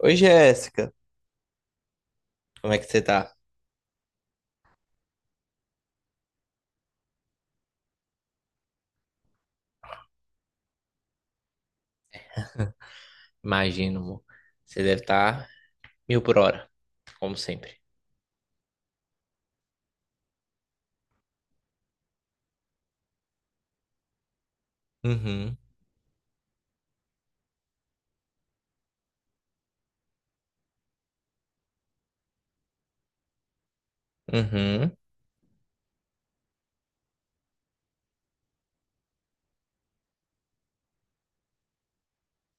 Oi, Jéssica. Como é que você tá? Imagino, amor. Você deve estar mil por hora, como sempre. Uhum, uhum.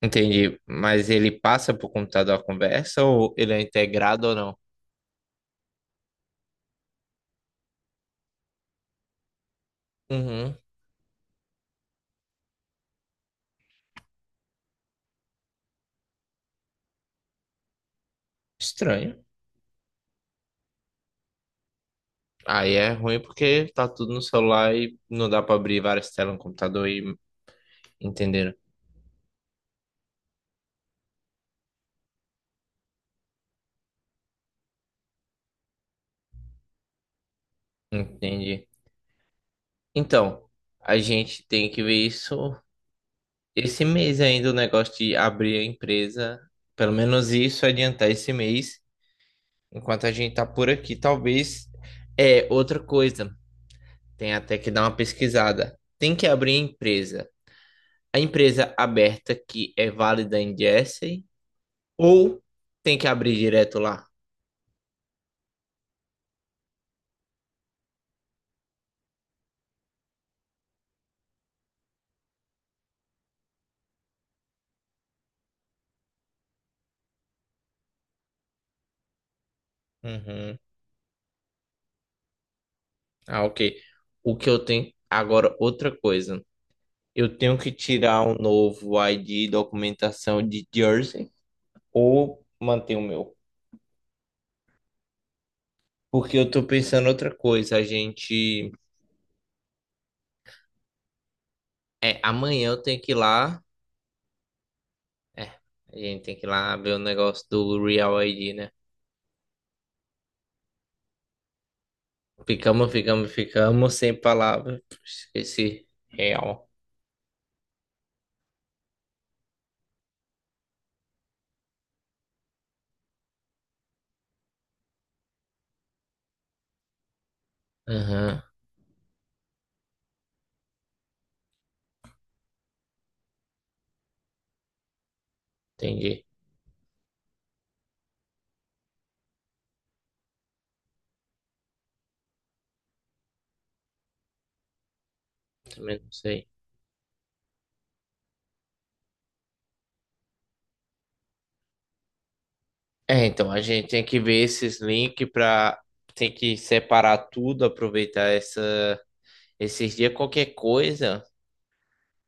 Entendi. Mas ele passa pro computador a conversa ou ele é integrado ou não? Uhum. Estranho. Aí é ruim porque tá tudo no celular e não dá pra abrir várias telas no computador e entenderam. Entendi. Então, a gente tem que ver isso esse mês ainda, o negócio de abrir a empresa. Pelo menos isso adiantar esse mês, enquanto a gente tá por aqui, talvez. É, outra coisa, tem até que dar uma pesquisada. Tem que abrir a empresa. A empresa aberta que é válida em Jersey ou tem que abrir direto lá? Uhum. Ah, ok. O que eu tenho. Agora, outra coisa. Eu tenho que tirar um novo ID e documentação de Jersey ou manter o meu? Porque eu tô pensando outra coisa. A gente. É, amanhã eu tenho que ir lá. É, a gente tem que ir lá ver o negócio do Real ID, né? Ficamos sem palavras. Esqueci. Real. Aham, entendi. Também não sei. É, então a gente tem que ver esses links pra. Tem que separar tudo, aproveitar essa esses dias. Qualquer coisa,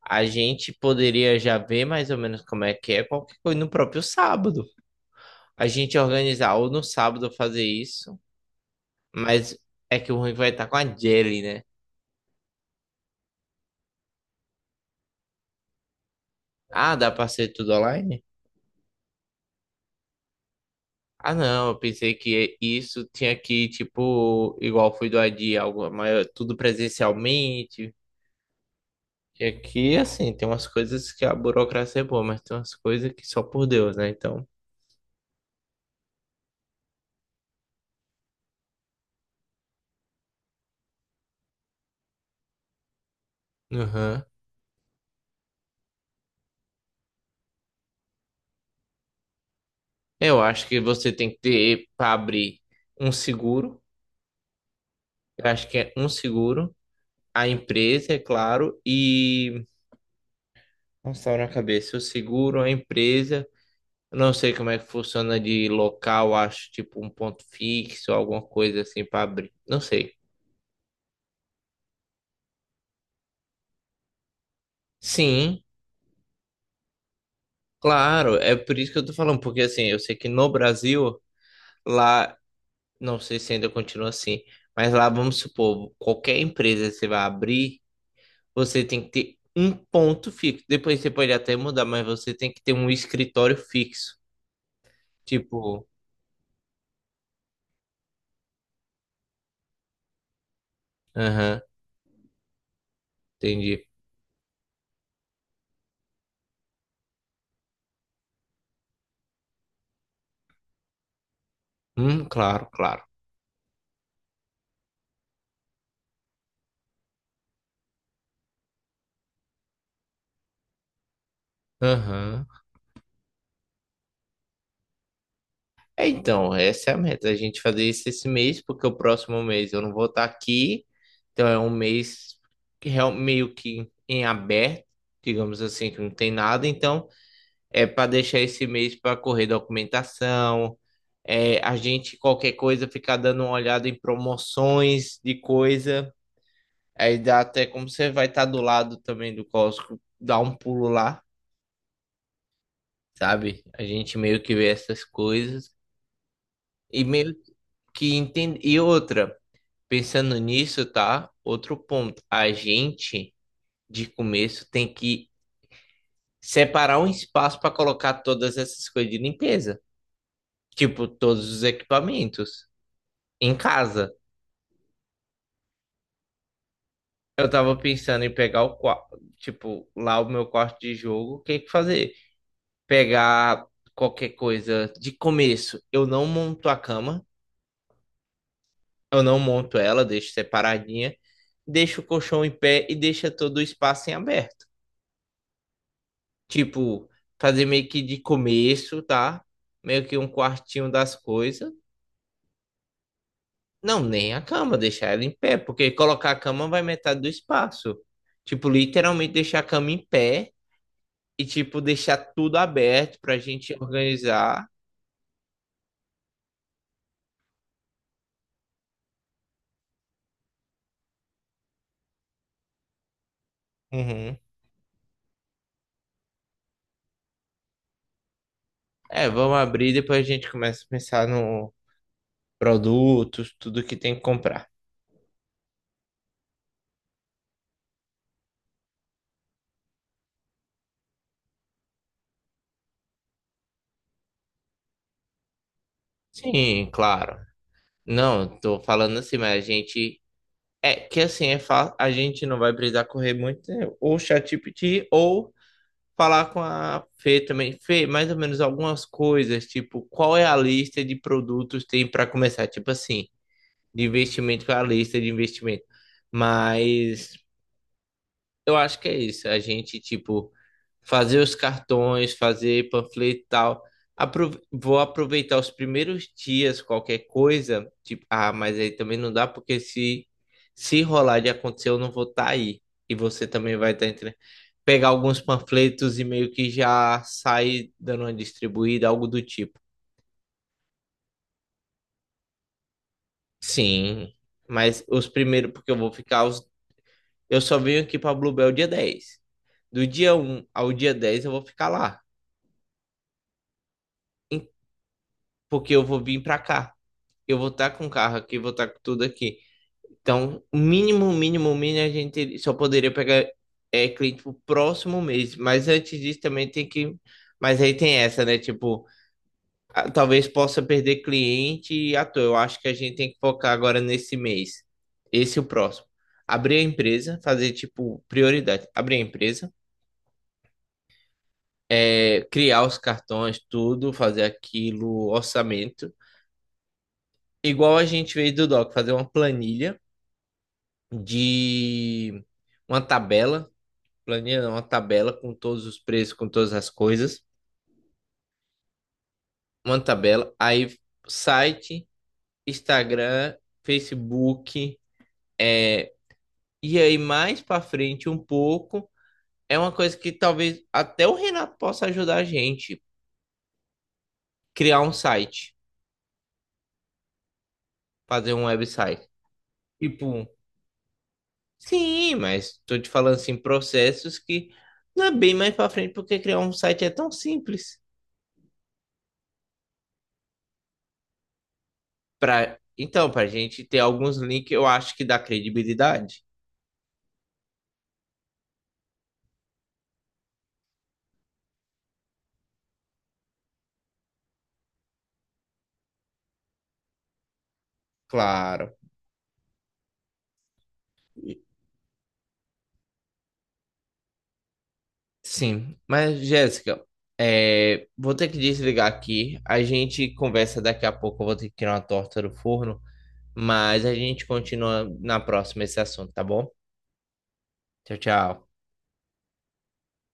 a gente poderia já ver mais ou menos como é que é. Qualquer coisa no próprio sábado. A gente organizar ou no sábado fazer isso, mas é que o ruim vai estar com a Jelly, né? Ah, dá pra ser tudo online? Ah, não, eu pensei que isso tinha que, tipo, igual foi do AD, algo maior, tudo presencialmente. E aqui, assim, tem umas coisas que a burocracia é boa, mas tem umas coisas que só por Deus, né? Então, aham, eu acho que você tem que ter para abrir um seguro. Eu acho que é um seguro, a empresa, é claro, e. Nossa, tá na cabeça, o seguro, a empresa. Eu não sei como é que funciona de local, acho tipo um ponto fixo, alguma coisa assim para abrir. Não sei. Sim, claro, é por isso que eu tô falando, porque assim, eu sei que no Brasil, lá, não sei se ainda continua assim, mas lá, vamos supor, qualquer empresa que você vai abrir, você tem que ter um ponto fixo. Depois você pode até mudar, mas você tem que ter um escritório fixo. Tipo, aham, entendi. Claro, claro. Aham. É, então, essa é a meta, a gente fazer isso esse mês, porque o próximo mês eu não vou estar aqui, então é um mês que real- meio que em aberto, digamos assim, que não tem nada, então é para deixar esse mês para correr documentação, é, a gente, qualquer coisa, ficar dando uma olhada em promoções de coisa, aí dá até como você vai estar do lado também do Costco, dá um pulo lá, sabe? A gente meio que vê essas coisas, e meio que entende, e outra. Pensando nisso, tá? Outro ponto. A gente, de começo, tem que separar um espaço para colocar todas essas coisas de limpeza. Tipo, todos os equipamentos. Em casa. Eu tava pensando em pegar o quarto. Tipo, lá o meu quarto de jogo, o que que fazer? Pegar qualquer coisa. De começo, eu não monto a cama. Eu não monto ela, deixo separadinha. Deixo o colchão em pé e deixa todo o espaço em aberto. Tipo, fazer meio que de começo, tá? Meio que um quartinho das coisas. Não, nem a cama, deixar ela em pé, porque colocar a cama vai metade do espaço. Tipo, literalmente deixar a cama em pé e, tipo, deixar tudo aberto pra gente organizar. Uhum. É, vamos abrir, depois a gente começa a pensar no produtos, tudo que tem que comprar. Sim, claro. Não, tô falando assim, mas a gente é, que assim, é fa- a gente não vai precisar correr muito, né? Ou ChatGPT, ou falar com a Fê também. Fê, mais ou menos algumas coisas, tipo, qual é a lista de produtos tem para começar? Tipo assim, de investimento, qual é a lista de investimento? Mas eu acho que é isso. A gente, tipo, fazer os cartões, fazer panfleto e tal. Aprove- vou aproveitar os primeiros dias, qualquer coisa. Tipo, ah, mas aí também não dá, porque se rolar de acontecer, eu não vou estar aí. E você também vai estar entre. Pegar alguns panfletos e meio que já sair dando uma distribuída, algo do tipo. Sim, mas os primeiros, porque eu vou ficar. Os... eu só venho aqui pra Bluebell dia 10. Do dia 1 ao dia 10 eu vou ficar lá. Porque eu vou vir pra cá. Eu vou estar com o carro aqui, vou estar com tudo aqui. Então, mínimo, a gente só poderia pegar é, cliente pro próximo mês. Mas antes disso também tem que. Mas aí tem essa, né? Tipo, ah, talvez possa perder cliente e à toa. Eu acho que a gente tem que focar agora nesse mês. Esse e o próximo. Abrir a empresa, fazer, tipo, prioridade. Abrir a empresa, é, criar os cartões, tudo, fazer aquilo, orçamento. Igual a gente fez do Doc, fazer uma planilha de uma tabela, planilha não, uma tabela com todos os preços, com todas as coisas, uma tabela, aí site, Instagram, Facebook, é, e aí mais para frente um pouco, é uma coisa que talvez até o Renato possa ajudar a gente, criar um site, fazer um website. Tipo, um, sim, mas tô te falando assim, processos que não é bem mais para frente porque criar um site é tão simples. Pra... então, pra gente ter alguns links, eu acho que dá credibilidade. Claro. Sim. Mas, Jéssica, é, vou ter que desligar aqui. A gente conversa daqui a pouco. Eu vou ter que tirar uma torta do forno. Mas a gente continua na próxima esse assunto, tá bom? Tchau, tchau.